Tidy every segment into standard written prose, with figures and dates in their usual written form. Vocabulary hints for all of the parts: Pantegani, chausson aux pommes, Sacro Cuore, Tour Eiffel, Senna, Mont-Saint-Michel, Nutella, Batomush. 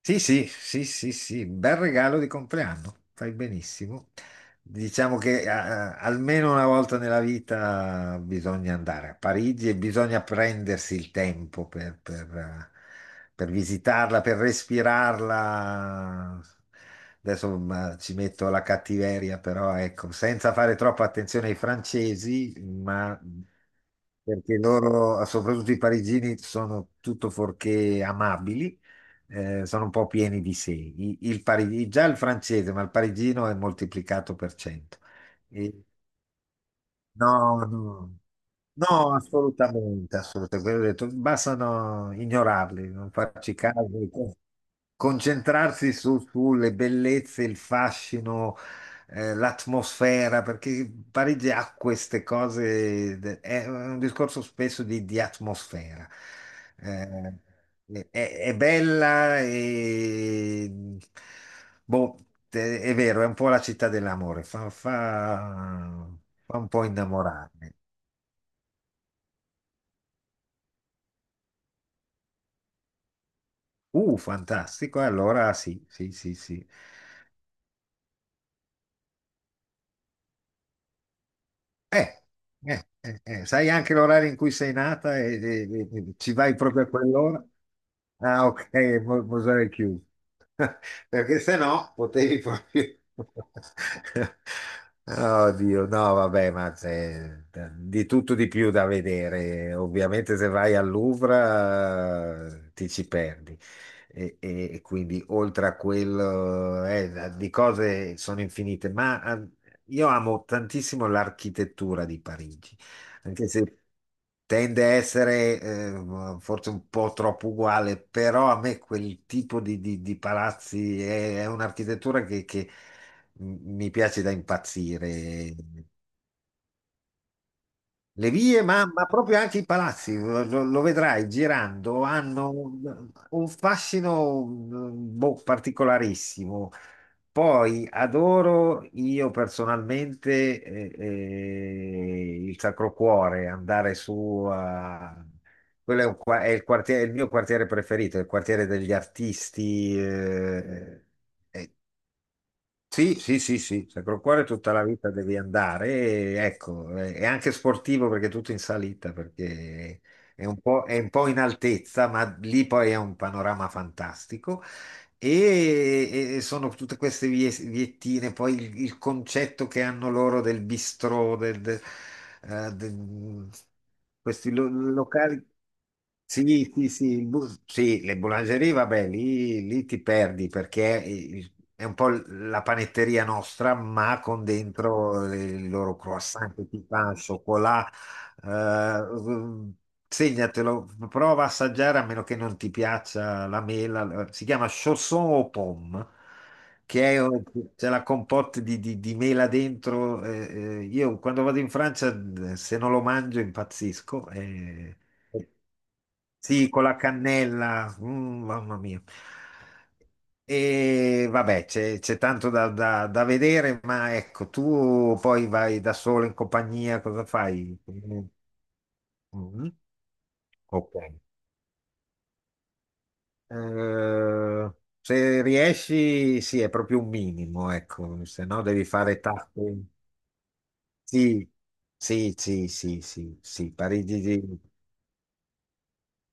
Sì, sì, sì, sì, sì, bel regalo di compleanno, fai benissimo. Diciamo che almeno una volta nella vita bisogna andare a Parigi e bisogna prendersi il tempo per visitarla, per respirarla. Adesso ma, ci metto la cattiveria, però ecco, senza fare troppa attenzione ai francesi, ma perché loro, soprattutto i parigini, sono tutto fuorché amabili, sono un po' pieni di sé. Già il francese, ma il parigino è moltiplicato per cento. E- no, no, no, assolutamente, assolutamente. Quello ho detto, bastano ignorarli, non farci caso, concentrarsi sulle bellezze, il fascino, l'atmosfera, perché Parigi ha queste cose, è un discorso spesso di atmosfera. Eh, è bella e boh, è vero, è un po' la città dell'amore, fa un po' innamorarmi. Fantastico, allora sì, sì, sì, sì. Eh, Sai anche l'orario in cui sei nata e ci vai proprio a quell'ora? Ah, ok, Mosè è chiuso. Perché se no potevi proprio... Oddio, no, vabbè, ma c'è di tutto di più da vedere. Ovviamente se vai al Louvre, ti ci perdi e quindi oltre a quello, di cose sono infinite, ma ah, io amo tantissimo l'architettura di Parigi, anche se tende a essere, forse un po' troppo uguale, però a me quel tipo di, di palazzi è un'architettura che mi piace da impazzire. Le vie, ma proprio anche i palazzi, lo, lo vedrai girando, hanno un fascino mm, boh, particolarissimo. Poi adoro io personalmente il Sacro Cuore, andare su a... Quello è, un qua- è il quartiere- è il mio quartiere preferito, è il quartiere degli artisti. Eh, eh, sì, sì, sì, sì, Sacro Cuore tutta la vita devi andare, e, ecco, è anche sportivo perché è tutto in salita, perché è un po' in altezza, ma lì poi è un panorama fantastico e, e sono tutte queste viettine, poi il concetto che hanno loro del bistrò, eh, del- questi locali. Sì, sì, sì, sì, le boulangerie, vabbè, lì, lì ti perdi perché è un po' la panetteria nostra, ma con dentro il loro croissant che ti fa al cioccolato. Eh, segnatelo, prova a assaggiare a meno che non ti piaccia la mela. Si chiama chausson aux pommes, che è, c'è la compote di, di mela dentro. Eh, io quando vado in Francia, se non lo mangio, impazzisco. Eh. Sì, con la cannella, mm, mamma mia. E vabbè, c'è tanto da, da vedere, ma ecco, tu poi vai da solo in compagnia, cosa fai? Mm. Ok. Eh, se riesci, sì, è proprio un minimo, ecco, se no devi fare tappe. Sì, sì, sì, sì, sì, sì, Parigi di...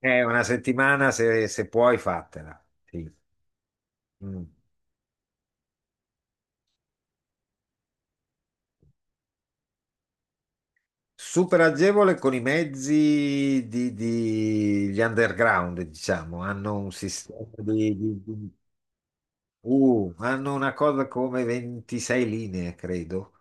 Una settimana se, se puoi fatela. Sì. Mm. Super agevole con i mezzi di, gli underground, diciamo, hanno un sistema di, hanno una cosa come 26 linee, credo,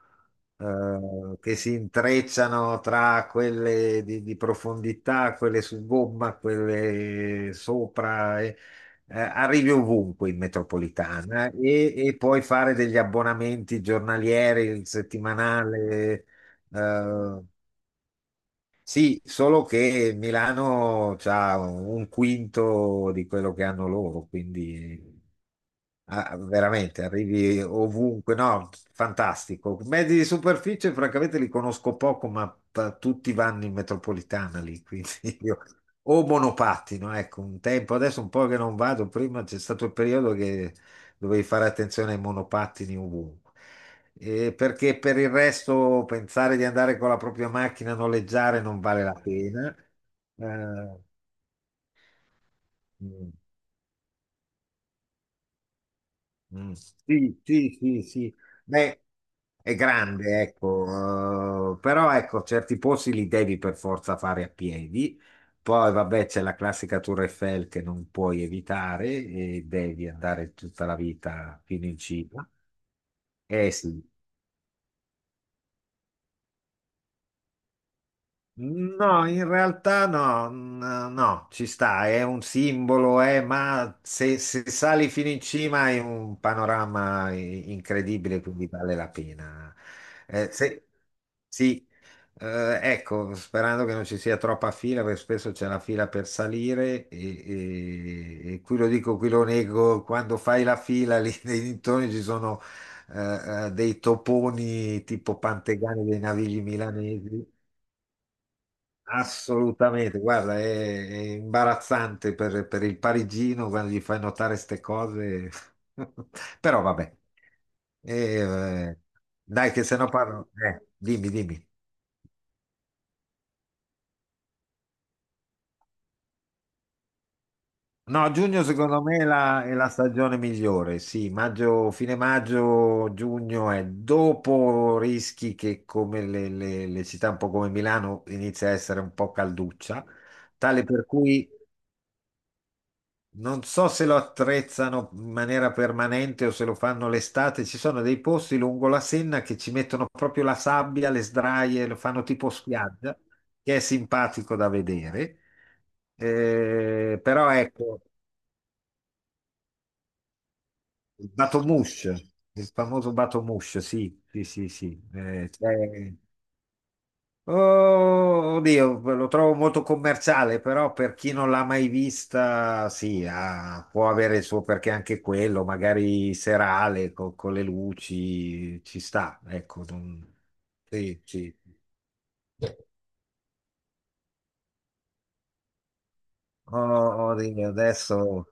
che si intrecciano tra quelle di profondità, quelle su gomma, quelle sopra. Eh, arrivi ovunque in metropolitana e puoi fare degli abbonamenti giornalieri, il settimanale. Sì, solo che Milano ha un quinto di quello che hanno loro, quindi ah, veramente arrivi ovunque. No, fantastico. Mezzi di superficie, francamente, li conosco poco, ma tutti vanno in metropolitana lì, quindi io- o monopattino, ecco, un tempo, adesso un po' che non vado, prima c'è stato il periodo che dovevi fare attenzione ai monopattini ovunque. Perché per il resto pensare di andare con la propria macchina a noleggiare non vale la pena. Eh, mm, mm, sì, sì, sì, sì. Beh, è grande, ecco, però ecco, certi posti li devi per forza fare a piedi. Poi, vabbè, c'è la classica Tour Eiffel che non puoi evitare e devi andare tutta la vita fino in cima. Eh sì. No, in realtà no, no, ci sta, è un simbolo, ma se, se sali fino in cima hai un panorama incredibile, quindi vale la pena. Eh, se- sì, ecco, sperando che non ci sia troppa fila, perché spesso c'è la fila per salire e qui lo dico, qui lo nego, quando fai la fila lì nei dintorni ci sono dei toponi tipo Pantegani dei navigli milanesi. Assolutamente, guarda, è imbarazzante per il parigino quando gli fai notare queste cose, però vabbè. E, eh, Dai che se no parlo, dimmi, dimmi. No, giugno secondo me è la stagione migliore, sì, maggio, fine maggio, giugno è dopo rischi che come le, le città un po' come Milano inizia a essere un po' calduccia, tale per cui... Non so se lo attrezzano in maniera permanente o se lo fanno l'estate, ci sono dei posti lungo la Senna che ci mettono proprio la sabbia, le sdraie, lo fanno tipo spiaggia, che è simpatico da vedere. Però ecco, il Batomush, il famoso Batomush, sì, sì, sì, sì, oh, oddio, lo trovo molto commerciale, però per chi non l'ha mai vista, sì, può avere il suo perché anche quello, magari serale con le luci, ci sta, ecco. Sì, sì. Oh, oddio, adesso.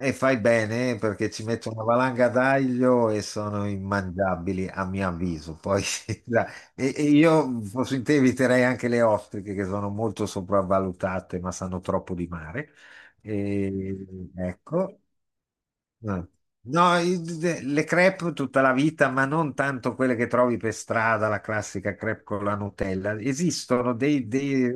E fai bene perché ci metto una valanga d'aglio e sono immangiabili a mio avviso. Poi, la- e io fossi in te eviterei anche le ostriche che sono molto sopravvalutate ma sanno troppo di mare. E, ecco. No. No, le crepe tutta la vita, ma non tanto quelle che trovi per strada, la classica crepe con la Nutella. Esistono dei, dei...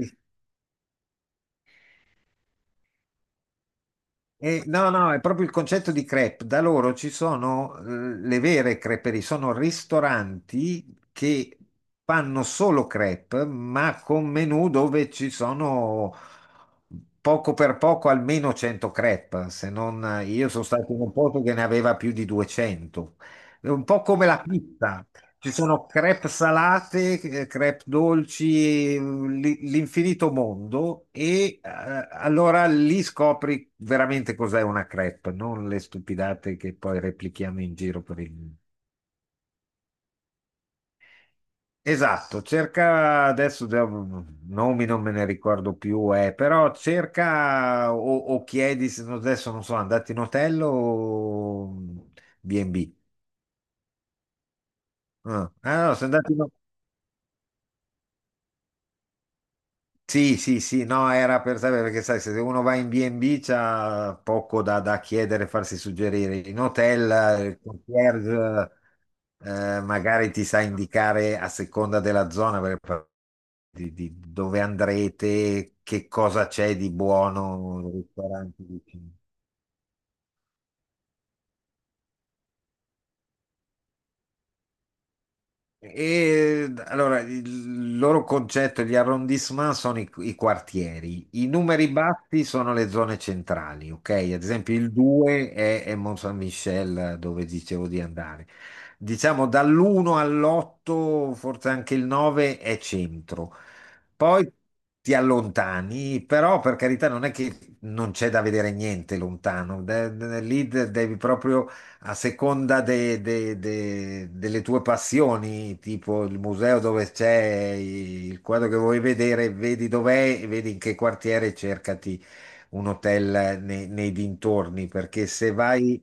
No, no, è proprio il concetto di crepe. Da loro ci sono, le vere creperie, sono ristoranti che fanno solo crepe, ma con menù dove ci sono poco per poco almeno 100 crepe, se non io sono stato in un posto che ne aveva più di 200. È un po' come la pizza. Ci sono crepe salate, crepe dolci, mm, l'infinito mondo e, allora lì scopri veramente cos'è una crepe, non le stupidate che poi replichiamo in giro per il... Esatto, cerca adesso già, mm, nomi non me ne ricordo più, però cerca o chiedi se no, adesso non so, andate in hotel o B&B. Ah, ah, no, se andate in... Sì, sì, sì, no, era per sapere perché sai, se uno va in B&B c'ha poco da, da chiedere, farsi suggerire. In hotel, il concierge, magari ti sa indicare a seconda della zona di dove andrete, che cosa c'è di buono, ristoranti. E allora il loro concetto, gli arrondissement sono i, i quartieri, i numeri bassi sono le zone centrali, ok? Ad esempio il 2 è Mont-Saint-Michel dove dicevo di andare. Diciamo dall'1 all'8, forse anche il 9 è centro. Poi ti allontani, però per carità non è che non c'è da vedere niente lontano. Lì devi proprio a seconda delle tue passioni, tipo il museo dove c'è il quadro che vuoi vedere, vedi dov'è, e vedi in che quartiere, cercati un hotel nei, nei dintorni, perché se vai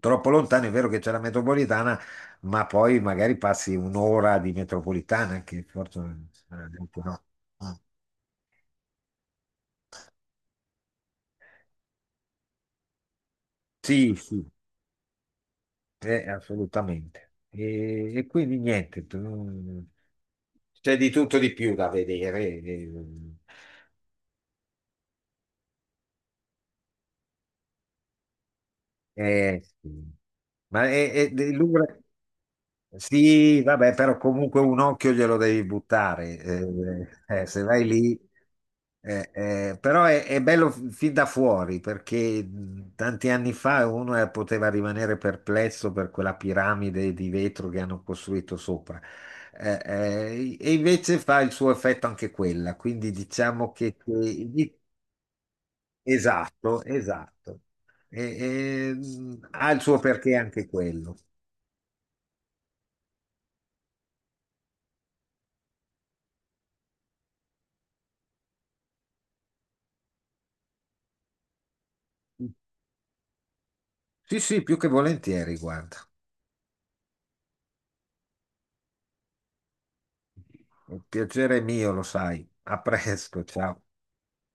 troppo lontano è vero che c'è la metropolitana, ma poi magari passi un'ora di metropolitana, che forse veramente no. Sì, sì, assolutamente. E quindi niente. C'è di tutto di più da vedere. Eh, sì. ma è, è- Louvre- Sì, vabbè, però comunque un occhio glielo devi buttare. Eh, se vai lì. Eh, però è bello fin da fuori perché tanti anni fa uno, poteva rimanere perplesso per quella piramide di vetro che hanno costruito sopra. E invece fa il suo effetto anche quella, quindi diciamo che... Esatto, esatto. E- e, ha il suo perché anche quello. Sì, sì, più che volentieri, guarda. Un piacere mio, lo sai. A presto, ciao.